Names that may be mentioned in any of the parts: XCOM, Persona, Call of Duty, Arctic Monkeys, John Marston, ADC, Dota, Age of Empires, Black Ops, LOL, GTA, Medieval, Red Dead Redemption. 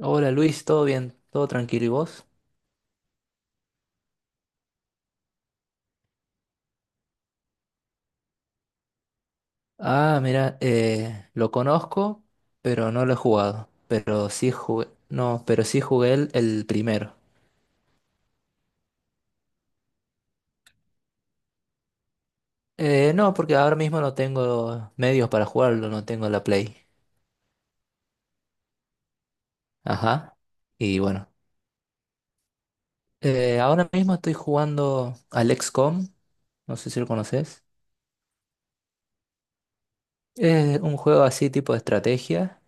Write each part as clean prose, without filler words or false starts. Hola Luis, ¿todo bien? ¿Todo tranquilo y vos? Ah, mira, lo conozco, pero no lo he jugado. Pero sí jugué, no, pero sí jugué el primero. No, porque ahora mismo no tengo medios para jugarlo, no tengo la Play. Ajá. Y bueno, ahora mismo estoy jugando al XCOM, no sé si lo conoces. Es un juego así tipo de estrategia,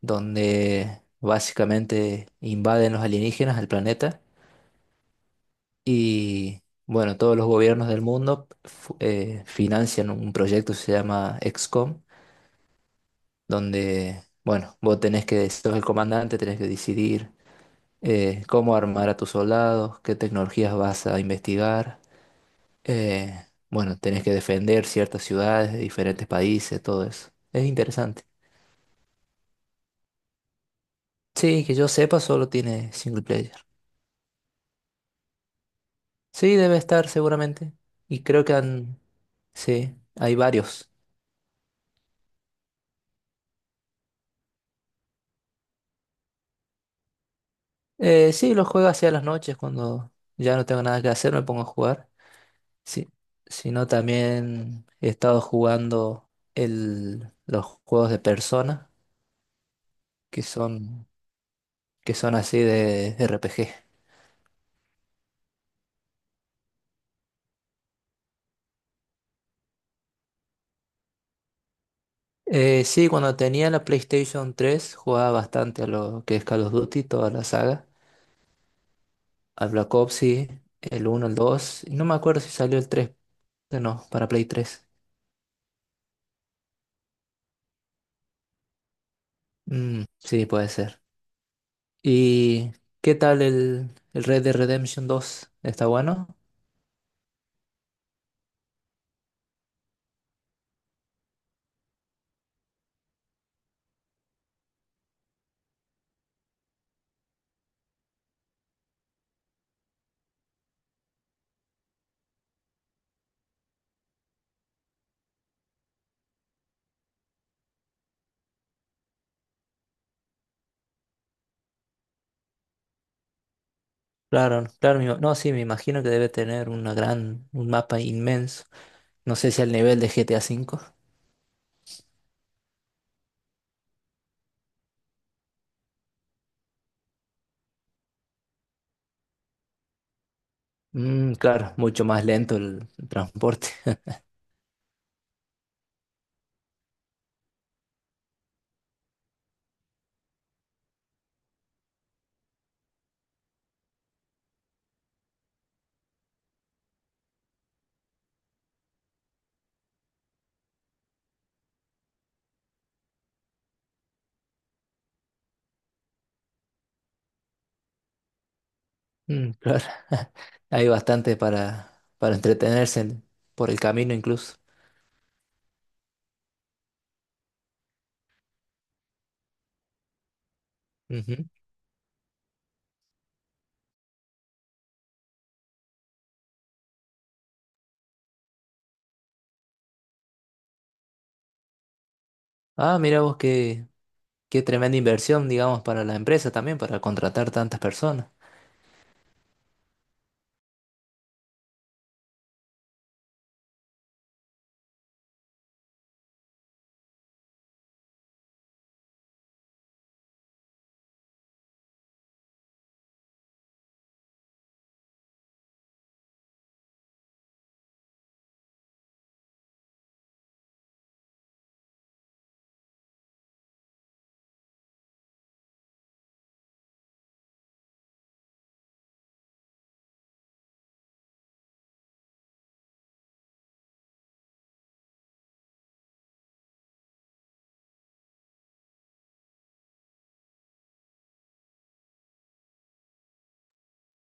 donde básicamente invaden los alienígenas al planeta. Y bueno, todos los gobiernos del mundo financian un proyecto que se llama XCOM, donde, bueno, vos tenés que, sos el comandante, tenés que decidir cómo armar a tus soldados, qué tecnologías vas a investigar. eh, bueno, tenés que defender ciertas ciudades de diferentes países, todo eso. Es interesante. Sí, que yo sepa, solo tiene single player. Sí, debe estar seguramente. Y creo que han... Sí, hay varios. Sí, los juego hacia las noches cuando ya no tengo nada que hacer, me pongo a jugar. Sí, sino también he estado jugando los juegos de Persona, que son, que son así de RPG. Sí, cuando tenía la PlayStation 3 jugaba bastante a lo que es Call of Duty, toda la saga. Al Black Ops, sí, el 1, el 2. No me acuerdo si salió el 3, no, para Play 3. Mm, sí, puede ser. ¿Y qué tal el Red Dead Redemption 2? ¿Está bueno? Claro, claro, no, sí, me imagino que debe tener una gran, un mapa inmenso. No sé si al nivel de GTA 5. Mm, claro, mucho más lento el transporte. Mm, claro, hay bastante para entretenerse por el camino incluso. Ujú. Ah, mira vos qué tremenda inversión, digamos, para la empresa también, para contratar tantas personas.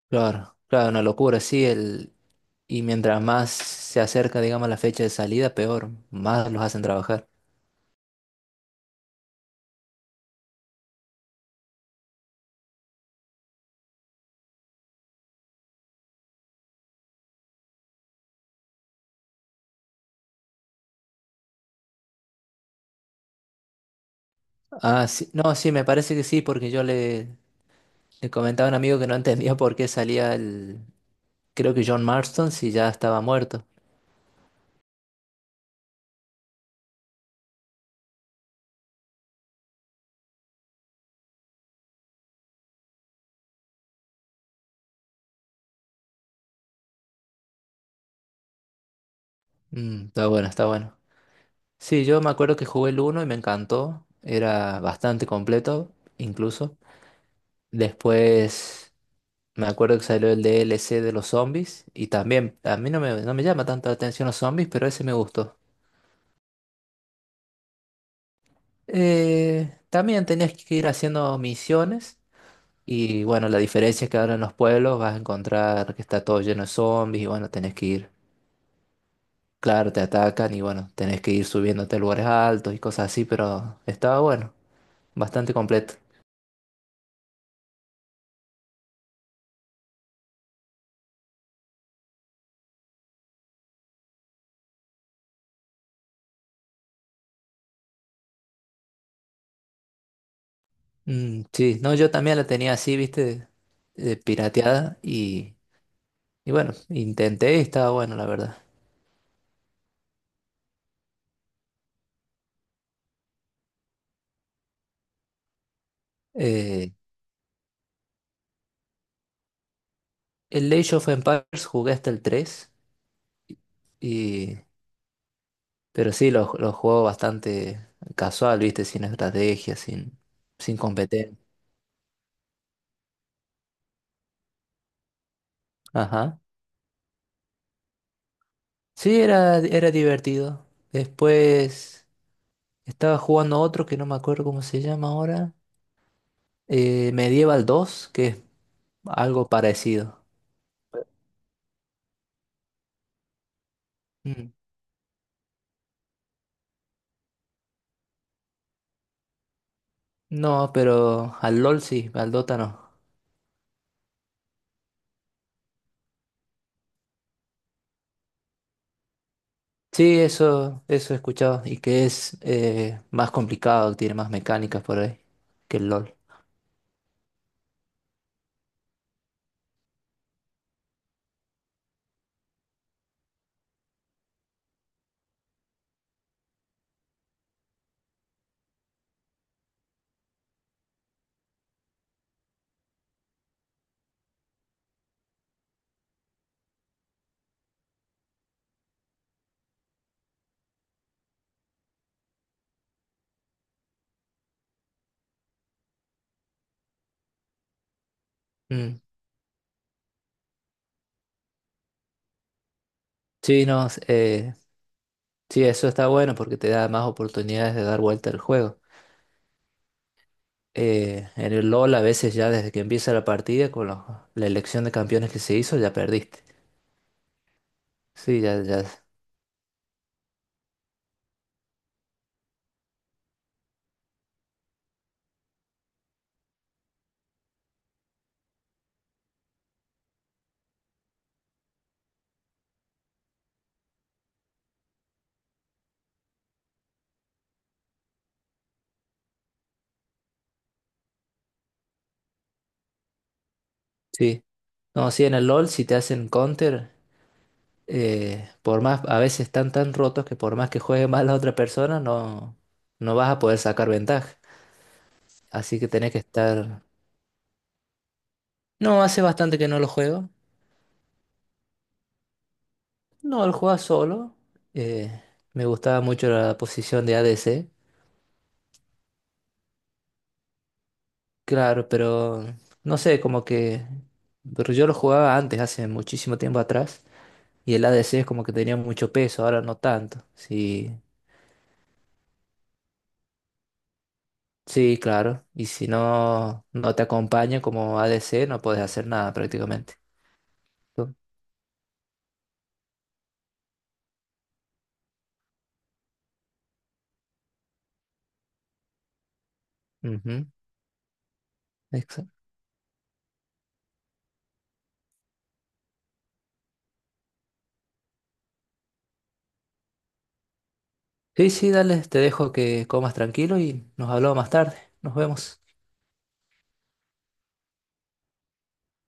Claro, claro, una locura, sí, el, y mientras más se acerca, digamos, la fecha de salida, peor, más los hacen trabajar. Ah, sí, no, sí, me parece que sí, porque yo le comentaba a un amigo que no entendía por qué salía el, creo que John Marston si ya estaba muerto. Mm, está bueno, está bueno. Sí, yo me acuerdo que jugué el uno y me encantó, era bastante completo, incluso. Después me acuerdo que salió el DLC de los zombies y también, a mí no me llama tanto la atención los zombies, pero ese me gustó. También tenías que ir haciendo misiones y bueno, la diferencia es que ahora en los pueblos vas a encontrar que está todo lleno de zombies y bueno, tenés que ir, claro, te atacan y bueno, tenés que ir subiéndote a lugares altos y cosas así, pero estaba bueno, bastante completo. Mm, sí, no, yo también la tenía así, viste, pirateada y bueno, intenté y estaba bueno, la verdad. Eh, el Age of Empires jugué hasta el 3 y pero sí, los juego bastante casual, ¿viste? Sin estrategia, sin competencia. Ajá. Sí, era divertido. Después estaba jugando otro que no me acuerdo cómo se llama ahora. Medieval dos que es algo parecido. Mm. No, pero al LOL sí, al Dota no. Sí, eso he escuchado. Y que es más complicado, tiene más mecánicas por ahí que el LOL. Mm. Sí, no, sí, eso está bueno porque te da más oportunidades de dar vuelta al juego. En el LOL a veces ya desde que empieza la partida con la elección de campeones que se hizo ya perdiste. Sí, ya, ya. Sí. No, sí, en el LOL si te hacen counter, por más, a veces están tan rotos que por más que juegue mal la otra persona, no, no vas a poder sacar ventaja. Así que tenés que estar... No, hace bastante que no lo juego. No, lo jugaba solo. Eh, me gustaba mucho la posición de ADC. Claro, pero no sé, como que pero yo lo jugaba antes, hace muchísimo tiempo atrás, y el ADC es como que tenía mucho peso, ahora no tanto. Sí, sí, claro. Y si no, no te acompaña como ADC, no puedes hacer nada prácticamente. Tú- Ujú, exacto. Sí, sí, dale, te dejo que comas tranquilo y nos hablamos más tarde. Nos vemos.